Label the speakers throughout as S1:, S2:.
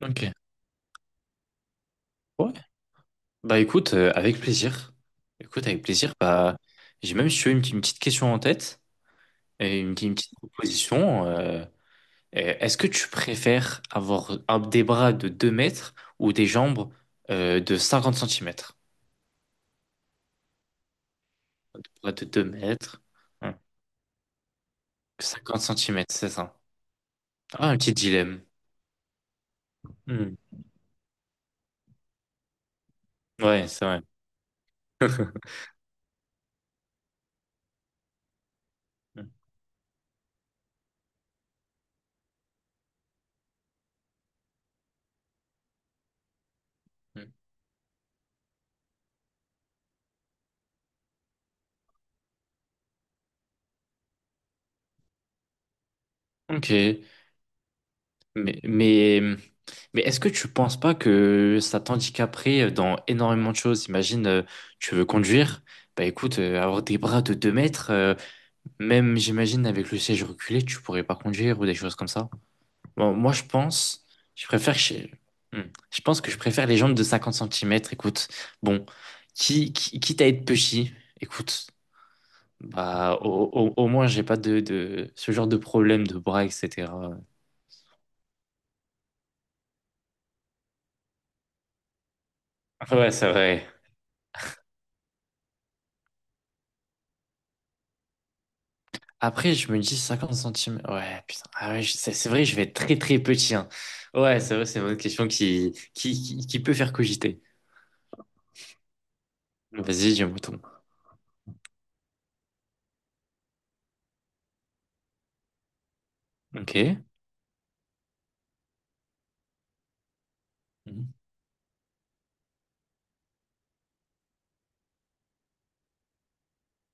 S1: Ok. Ouais. Bah écoute, avec plaisir. Écoute, avec plaisir. Bah, j'ai même, si tu veux, une petite question en tête et une petite proposition. Est-ce que tu préfères avoir des bras de 2 mètres ou des jambes de 50 centimètres. Des bras de 2 mètres, hein, 50 cm, c'est ça. Ah, un petit dilemme. Hmm. Ouais, c'est vrai. Hmm. Ok. Mais, mais, mais est-ce que tu penses pas que ça t'handicaperait dans énormément de choses? Imagine, tu veux conduire. Bah écoute, avoir des bras de 2 mètres, même j'imagine avec le siège reculé, tu pourrais pas conduire ou des choses comme ça. Bon, moi je pense, je préfère chez... Hmm. Je pense que je préfère les jambes de 50 centimètres, écoute. Bon, quitte à être petit, écoute, bah au moins j'ai pas de ce genre de problème de bras, etc. Ouais, c'est vrai. Après, je me dis 50 centimes. Ouais, putain. Ah ouais, c'est vrai, je vais être très très petit, hein. Ouais, c'est vrai, c'est une autre question qui peut faire cogiter. Vas-y, dis un mouton. Ok. Mhm.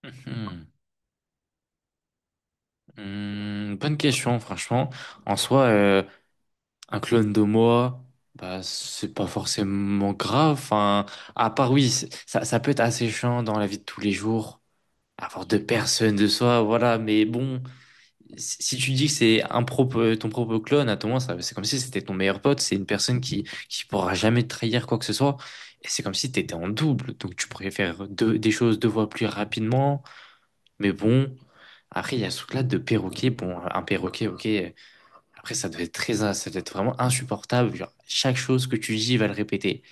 S1: Mhm. Bonne question, franchement. En soi, un clone de moi, bah, c'est pas forcément grave. Enfin, à part, oui, c'est- ça peut être assez chiant dans la vie de tous les jours. Avoir deux personnes de soi, voilà, mais bon. Si tu dis que c'est un propre, ton propre clone, à ton moment, ça- c'est comme si c'était ton meilleur pote, c'est une personne qui pourra jamais te trahir quoi que ce soit. Et c'est comme si tu étais en double, donc tu pourrais faire des choses deux fois plus rapidement. Mais bon, après, il y a ce truc-là de perroquet. Bon, un perroquet, ok. Après, ça doit être très, ça doit être vraiment insupportable. Genre, chaque chose que tu dis, il va le répéter.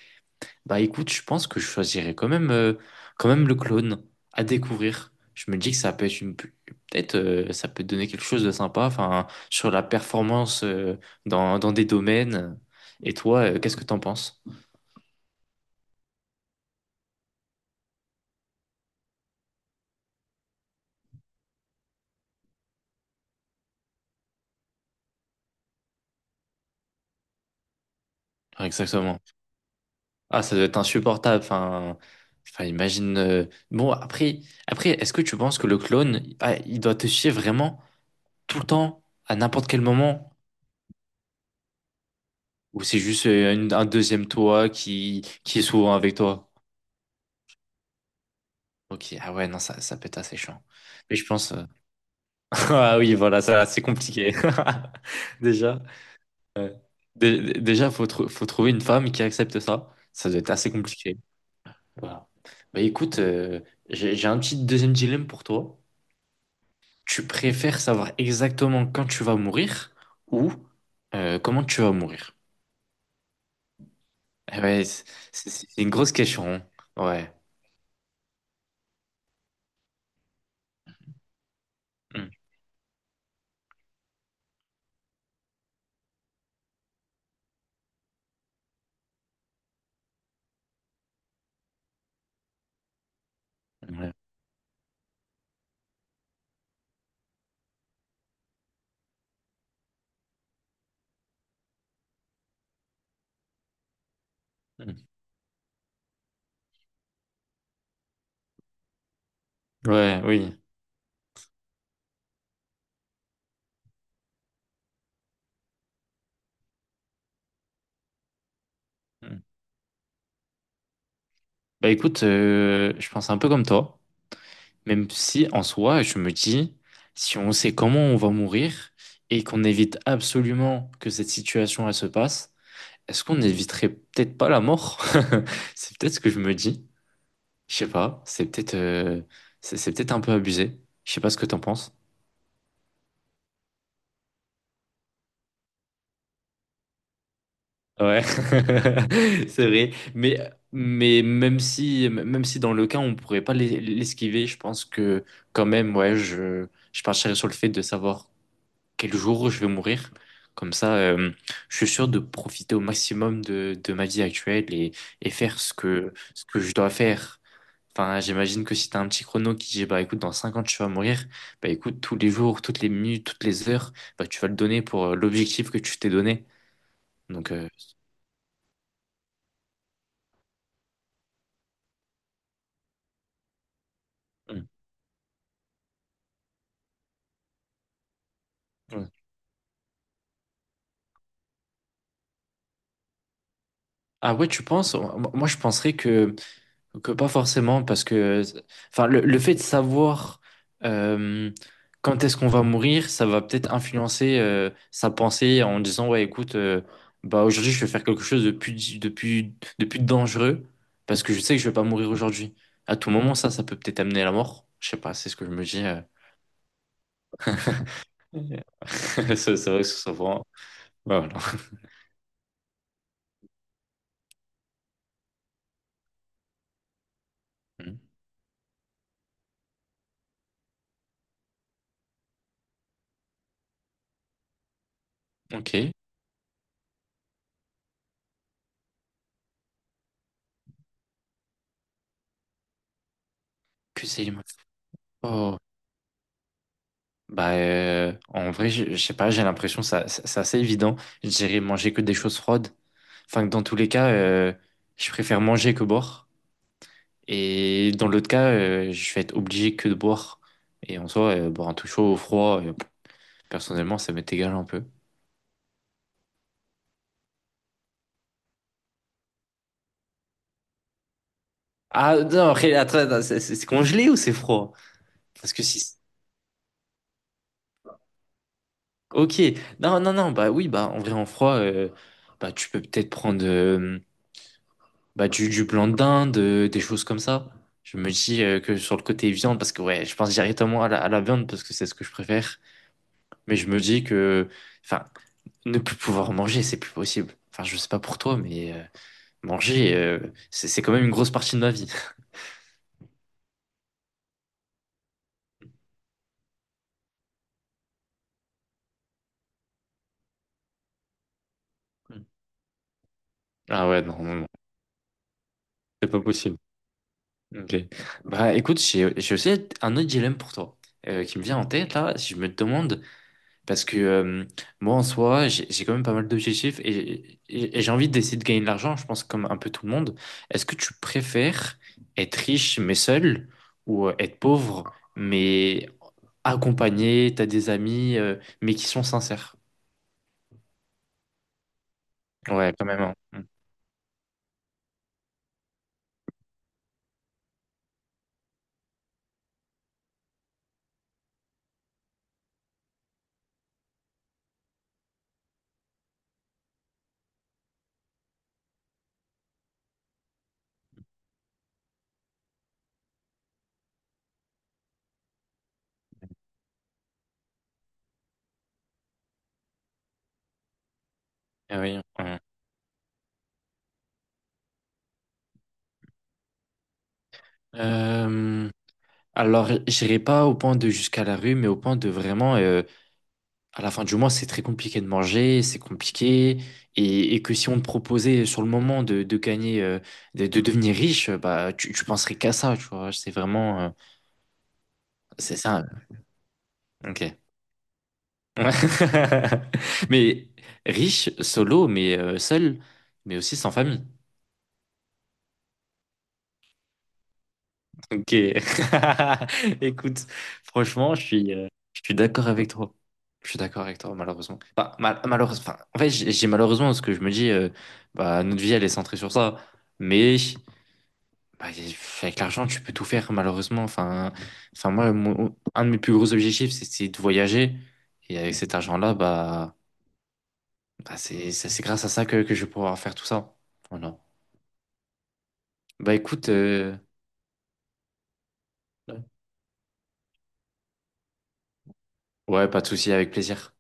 S1: Bah écoute, je pense que je choisirais quand même le clone à découvrir. Je me dis que ça peut être une, peut-être, ça peut donner quelque chose de sympa, enfin, sur la performance, dans, dans des domaines. Et toi, qu'est-ce que t'en penses? Ouais, exactement. Ah, ça doit être insupportable. Enfin, imagine. Bon, après, est-ce que tu penses que le clone, ah, il doit te suivre vraiment tout le temps, à n'importe quel moment? Ou c'est juste un deuxième toi qui est souvent avec toi? Ok, ah ouais, non, ça peut être assez chiant. Mais je pense. Ah oui, voilà, ça, c'est compliqué. Déjà, déjà, faut trouver une femme qui accepte ça. Ça doit être assez compliqué. Voilà. Bah écoute, j'ai un petit deuxième dilemme pour toi. Tu préfères savoir exactement quand tu vas mourir ou comment tu vas mourir? Eh ouais, c'est une grosse question, hein. Ouais. Mm. Ouais. Mm. Ouais, oui. Mm. Bah écoute, je pense un peu comme toi. Même si en soi, je me dis, si on sait comment on va mourir et qu'on évite absolument que cette situation elle se passe, est-ce qu'on n'éviterait peut-être pas la mort? C'est peut-être ce que je me dis. Je sais pas, c'est peut-être c'est peut-être un peu abusé. Je sais pas ce que t'en penses. Ouais, c'est vrai. Mais même si, dans le cas, on pourrait pas l'esquiver, je pense que quand même, ouais, je partirais sur le fait de savoir quel jour je vais mourir. Comme ça, je suis sûr de profiter au maximum de ma vie actuelle et faire ce que je dois faire. Enfin, j'imagine que si t'as un petit chrono qui dit, bah écoute, dans 5 ans, tu vas mourir, bah écoute, tous les jours, toutes les minutes, toutes les heures, bah tu vas le donner pour l'objectif que tu t'es donné. Donc, mm, mm. Ah ouais, tu penses? Moi, je penserais que. Que pas forcément, parce que enfin, le fait de savoir euh, quand est-ce qu'on va mourir, ça va peut-être influencer sa pensée en disant, ouais, écoute, bah, aujourd'hui, je vais faire quelque chose de plus dangereux, parce que je sais que je vais pas mourir aujourd'hui. À tout moment, ça peut peut-être amener à la mort. Je sais pas, c'est ce que je me dis. C'est vrai que ce soit bah, voilà. Hum. Ok. Que c'est... Oh. Bah, en vrai, je sais pas, j'ai l'impression que c'est assez évident. Je dirais manger que des choses froides. Enfin, que dans tous les cas, je préfère manger que boire. Et dans l'autre cas, je vais être obligé que de boire. Et en soi, boire un tout chaud ou froid, personnellement, ça m'est égal un peu. Ah non, après, attends, c'est congelé ou c'est froid? Parce que si... Ok, non, non, non, bah oui, bah en vrai, en froid, bah, tu peux peut-être prendre... bah, du blanc de dinde, des choses comme ça. Je me dis que sur le côté viande, parce que ouais, je pense directement à à la viande parce que c'est ce que je préfère. Mais je me dis que, enfin, ne plus pouvoir manger, c'est plus possible. Enfin, je sais pas pour toi, mais manger, c'est quand même une grosse partie de ma vie. Ah ouais, non, non, non, c'est pas possible. Ok. Bah écoute, j'ai aussi un autre dilemme pour toi qui me vient en tête là. Si je me demande. Parce que moi, en soi, j'ai quand même pas mal d'objectifs et, et j'ai envie d'essayer de gagner de l'argent, je pense, comme un peu tout le monde. Est-ce que tu préfères être riche mais seul ou être pauvre mais accompagné, t'as des amis, mais qui sont sincères? Ouais, quand même, hein. Mm. Ah oui, hein. Euh, alors, j'irai pas au point de jusqu'à la rue, mais au point de vraiment à la fin du mois, c'est très compliqué de manger, c'est compliqué, et que si on te proposait sur le moment de gagner, de devenir riche, bah tu penserais qu'à ça, tu vois. C'est vraiment, c'est ça. Ok. Ouais. Mais riche, solo, mais seul, mais aussi sans famille. Ok. Écoute, franchement, je suis d'accord avec toi. Je suis d'accord avec toi, malheureusement. Enfin, enfin, en fait, j'ai malheureusement parce que je me dis, bah, notre vie, elle est centrée sur ça. Mais bah, avec l'argent, tu peux tout faire, malheureusement. Enfin, moi, un de mes plus gros objectifs, c'est de voyager. Et avec cet argent-là, bah, c'est grâce à ça que je vais pouvoir faire tout ça. Voilà. Bah, écoute, ouais, pas de souci, avec plaisir.